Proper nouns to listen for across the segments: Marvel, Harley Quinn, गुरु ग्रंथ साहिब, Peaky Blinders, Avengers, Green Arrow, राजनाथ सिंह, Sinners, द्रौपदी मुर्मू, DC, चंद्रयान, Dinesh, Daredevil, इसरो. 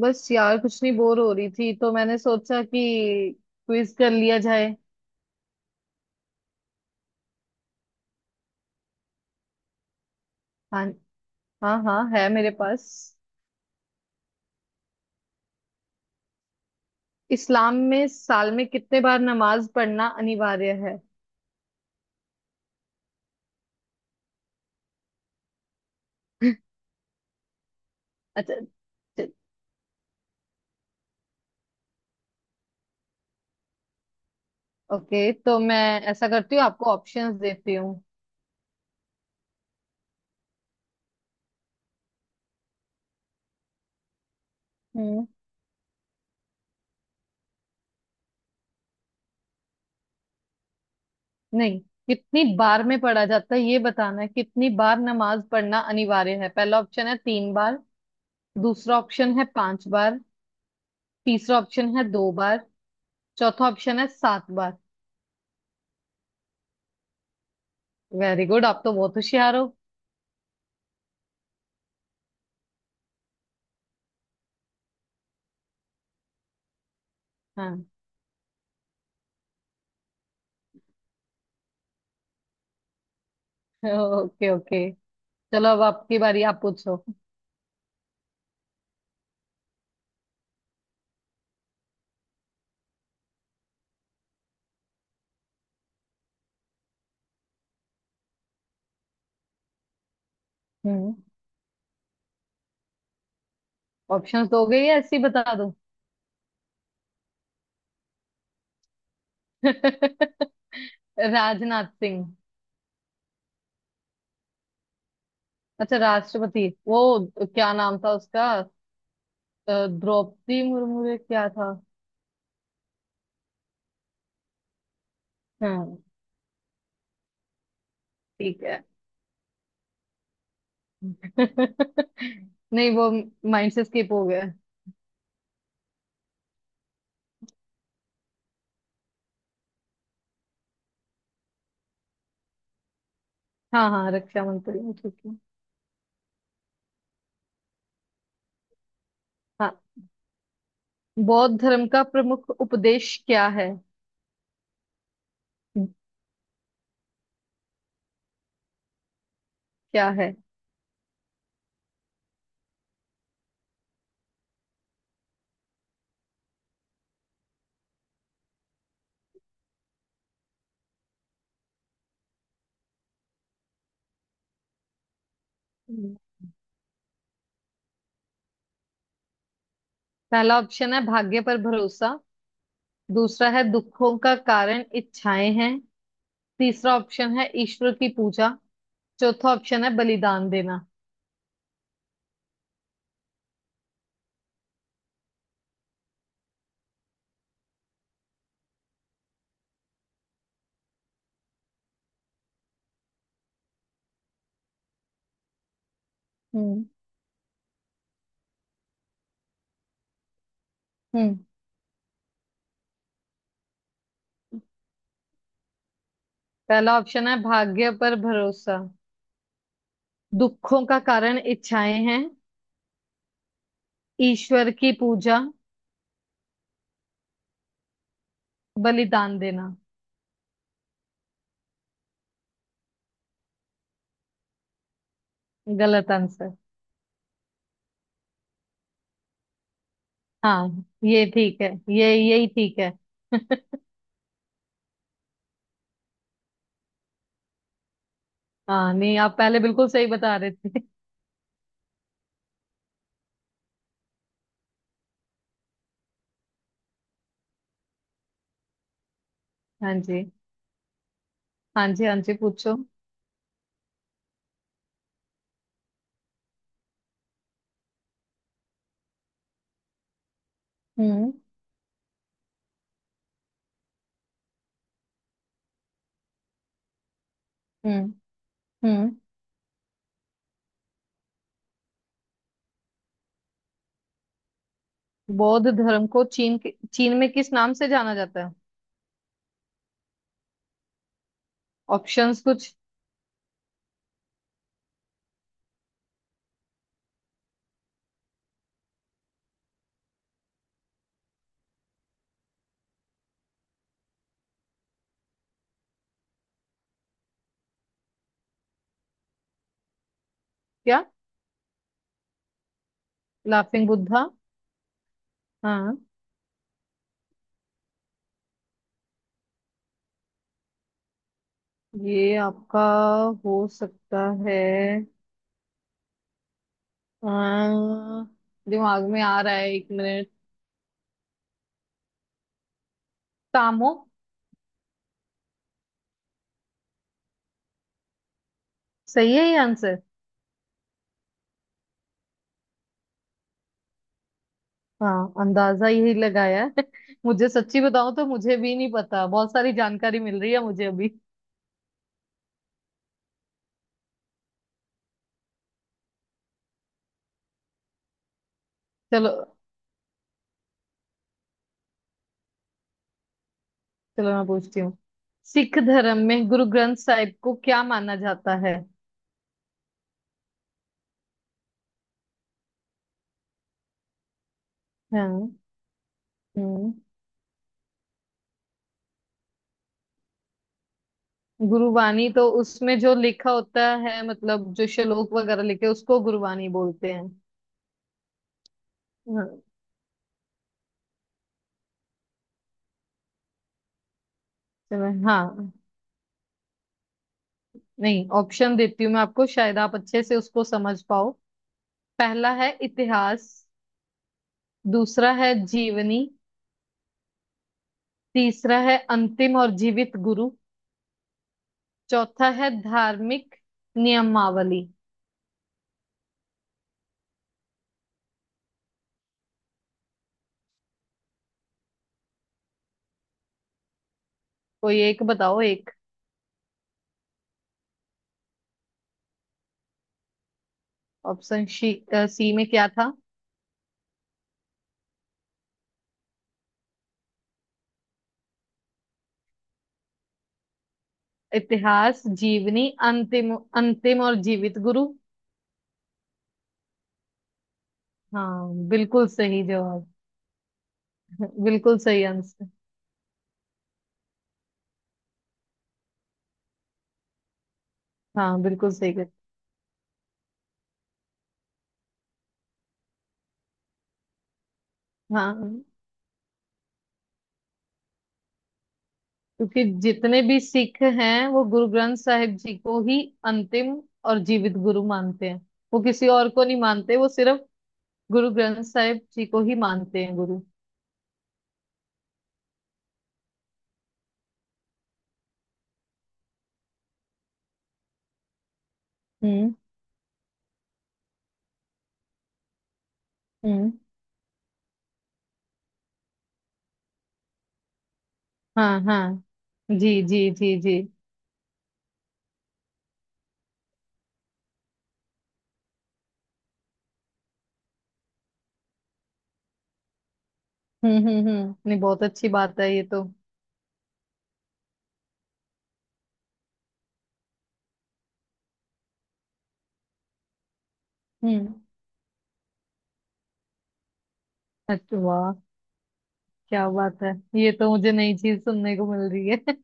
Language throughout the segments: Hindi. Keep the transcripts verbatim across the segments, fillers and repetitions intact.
बस यार कुछ नहीं बोर हो रही थी तो मैंने सोचा कि क्विज कर लिया जाए। हाँ हाँ हाँ है मेरे पास। इस्लाम में साल में कितने बार नमाज पढ़ना अनिवार्य है? अच्छा। ओके, तो मैं ऐसा करती हूँ, आपको ऑप्शंस देती हूँ। हम्म। नहीं। कितनी बार में पढ़ा जाता है ये बताना है, कितनी बार नमाज पढ़ना अनिवार्य है। पहला ऑप्शन है तीन बार। दूसरा ऑप्शन है पांच बार। तीसरा ऑप्शन है दो बार। चौथा ऑप्शन है सात बार। वेरी गुड, आप तो बहुत होशियार हो। हाँ। Okay okay. चलो अब आपकी बारी, आप पूछो। हम्म। ऑप्शंस दोगे या ऐसे ही बता दूं? राजनाथ सिंह। अच्छा, राष्ट्रपति वो क्या नाम था उसका? अ, द्रौपदी मुर्मू या क्या था? हाँ, ठीक है। नहीं, वो माइंड से स्किप हो गया। हाँ हाँ, रक्षा मंत्री ठीक है। हाँ। बौद्ध धर्म का प्रमुख उपदेश क्या है? क्या है? पहला ऑप्शन है भाग्य पर भरोसा। दूसरा है दुखों का कारण इच्छाएं हैं। तीसरा ऑप्शन है ईश्वर की पूजा। चौथा ऑप्शन है बलिदान देना। हम्म। हम्म। पहला ऑप्शन है भाग्य पर भरोसा। दुखों का कारण इच्छाएं हैं। ईश्वर की पूजा। बलिदान देना। गलत आंसर। हाँ, ये ठीक है, ये यही ठीक है। हाँ, नहीं आप पहले बिल्कुल सही बता रहे थे। हाँ जी, हाँ जी, हाँ जी, पूछो। हम्म, हम्म, हम्म। बौद्ध धर्म को चीन के चीन में किस नाम से जाना जाता है? ऑप्शंस कुछ? क्या? लाफिंग बुद्धा। हाँ। ये आपका हो सकता है। अम, दिमाग में आ रहा है, एक मिनट। तामो। सही है ये आंसर। हाँ, अंदाजा यही लगाया है। मुझे सच्ची बताऊं तो मुझे भी नहीं पता, बहुत सारी जानकारी मिल रही है मुझे अभी। चलो। चलो मैं पूछती हूँ। सिख धर्म में गुरु ग्रंथ साहिब को क्या माना जाता है? हाँ। हम्म। गुरुवाणी तो उसमें जो लिखा होता है, मतलब जो श्लोक वगैरह लिखे, उसको गुरुवाणी बोलते हैं। हाँ। तो मैं- हाँ। नहीं, ऑप्शन देती हूँ मैं आपको, शायद आप अच्छे से उसको समझ पाओ। पहला है इतिहास। दूसरा है जीवनी। तीसरा है अंतिम और जीवित गुरु। चौथा है धार्मिक नियमावली। कोई एक बताओ, एक। Option C. अ, सी में क्या था? इतिहास, जीवनी, अंतिम। अंतिम और जीवित गुरु। हाँ, बिल्कुल सही जवाब। बिल्कुल सही आंसर। हाँ, बिल्कुल सही कर। हाँ। क्योंकि जितने भी सिख हैं वो गुरु ग्रंथ साहिब जी को ही अंतिम और जीवित गुरु मानते हैं। वो किसी और को नहीं मानते, वो सिर्फ गुरु ग्रंथ साहिब जी को ही मानते हैं गुरु। हम्म, हम्म। हाँ हाँ, जी जी जी जी। हम्म, हम्म, हम्म, नहीं बहुत अच्छी बात है ये तो। हम्म। अच्छा, वाह, क्या बात है। ये तो मुझे नई चीज सुनने को मिल रही है।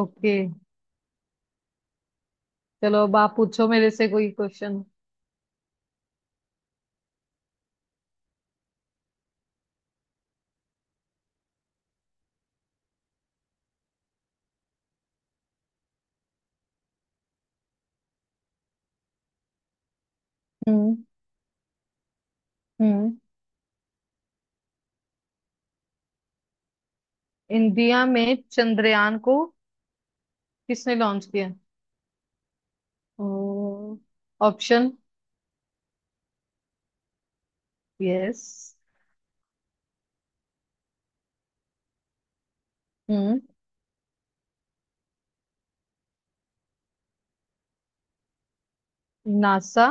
ओके। चलो अब आप पूछो मेरे से कोई क्वेश्चन। हम्म। इंडिया में चंद्रयान को किसने लॉन्च किया? ओ, ऑप्शन? यस। हम्म। नासा।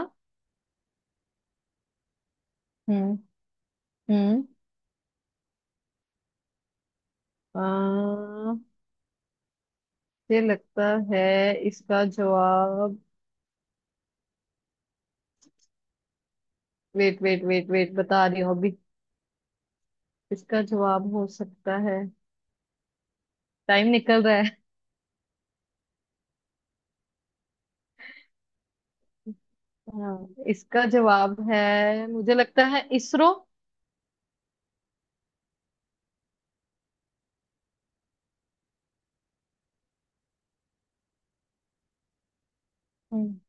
हम्म, हम्म। अ, मुझे लगता है इसका जवाब। वेट वेट वेट वेट, बता रही हूँ अभी। इसका जवाब हो सकता है। टाइम निकल रहा है। हाँ, इसका जवाब है, मुझे लगता है इसरो। हम्म,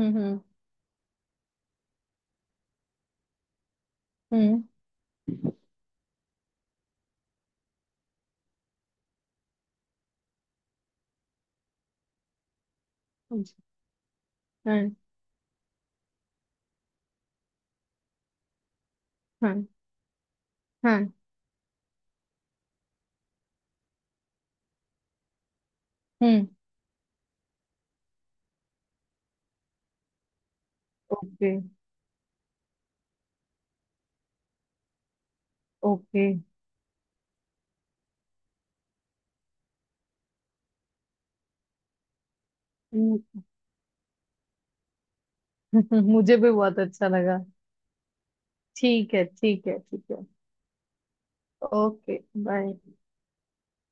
हम्म, हम्म, हम्म। हाँ हाँ हाँ। हम्म। Okay okay. हम्म, मुझे भी बहुत अच्छा लगा। ठीक है, ठीक है, ठीक है। Okay bye.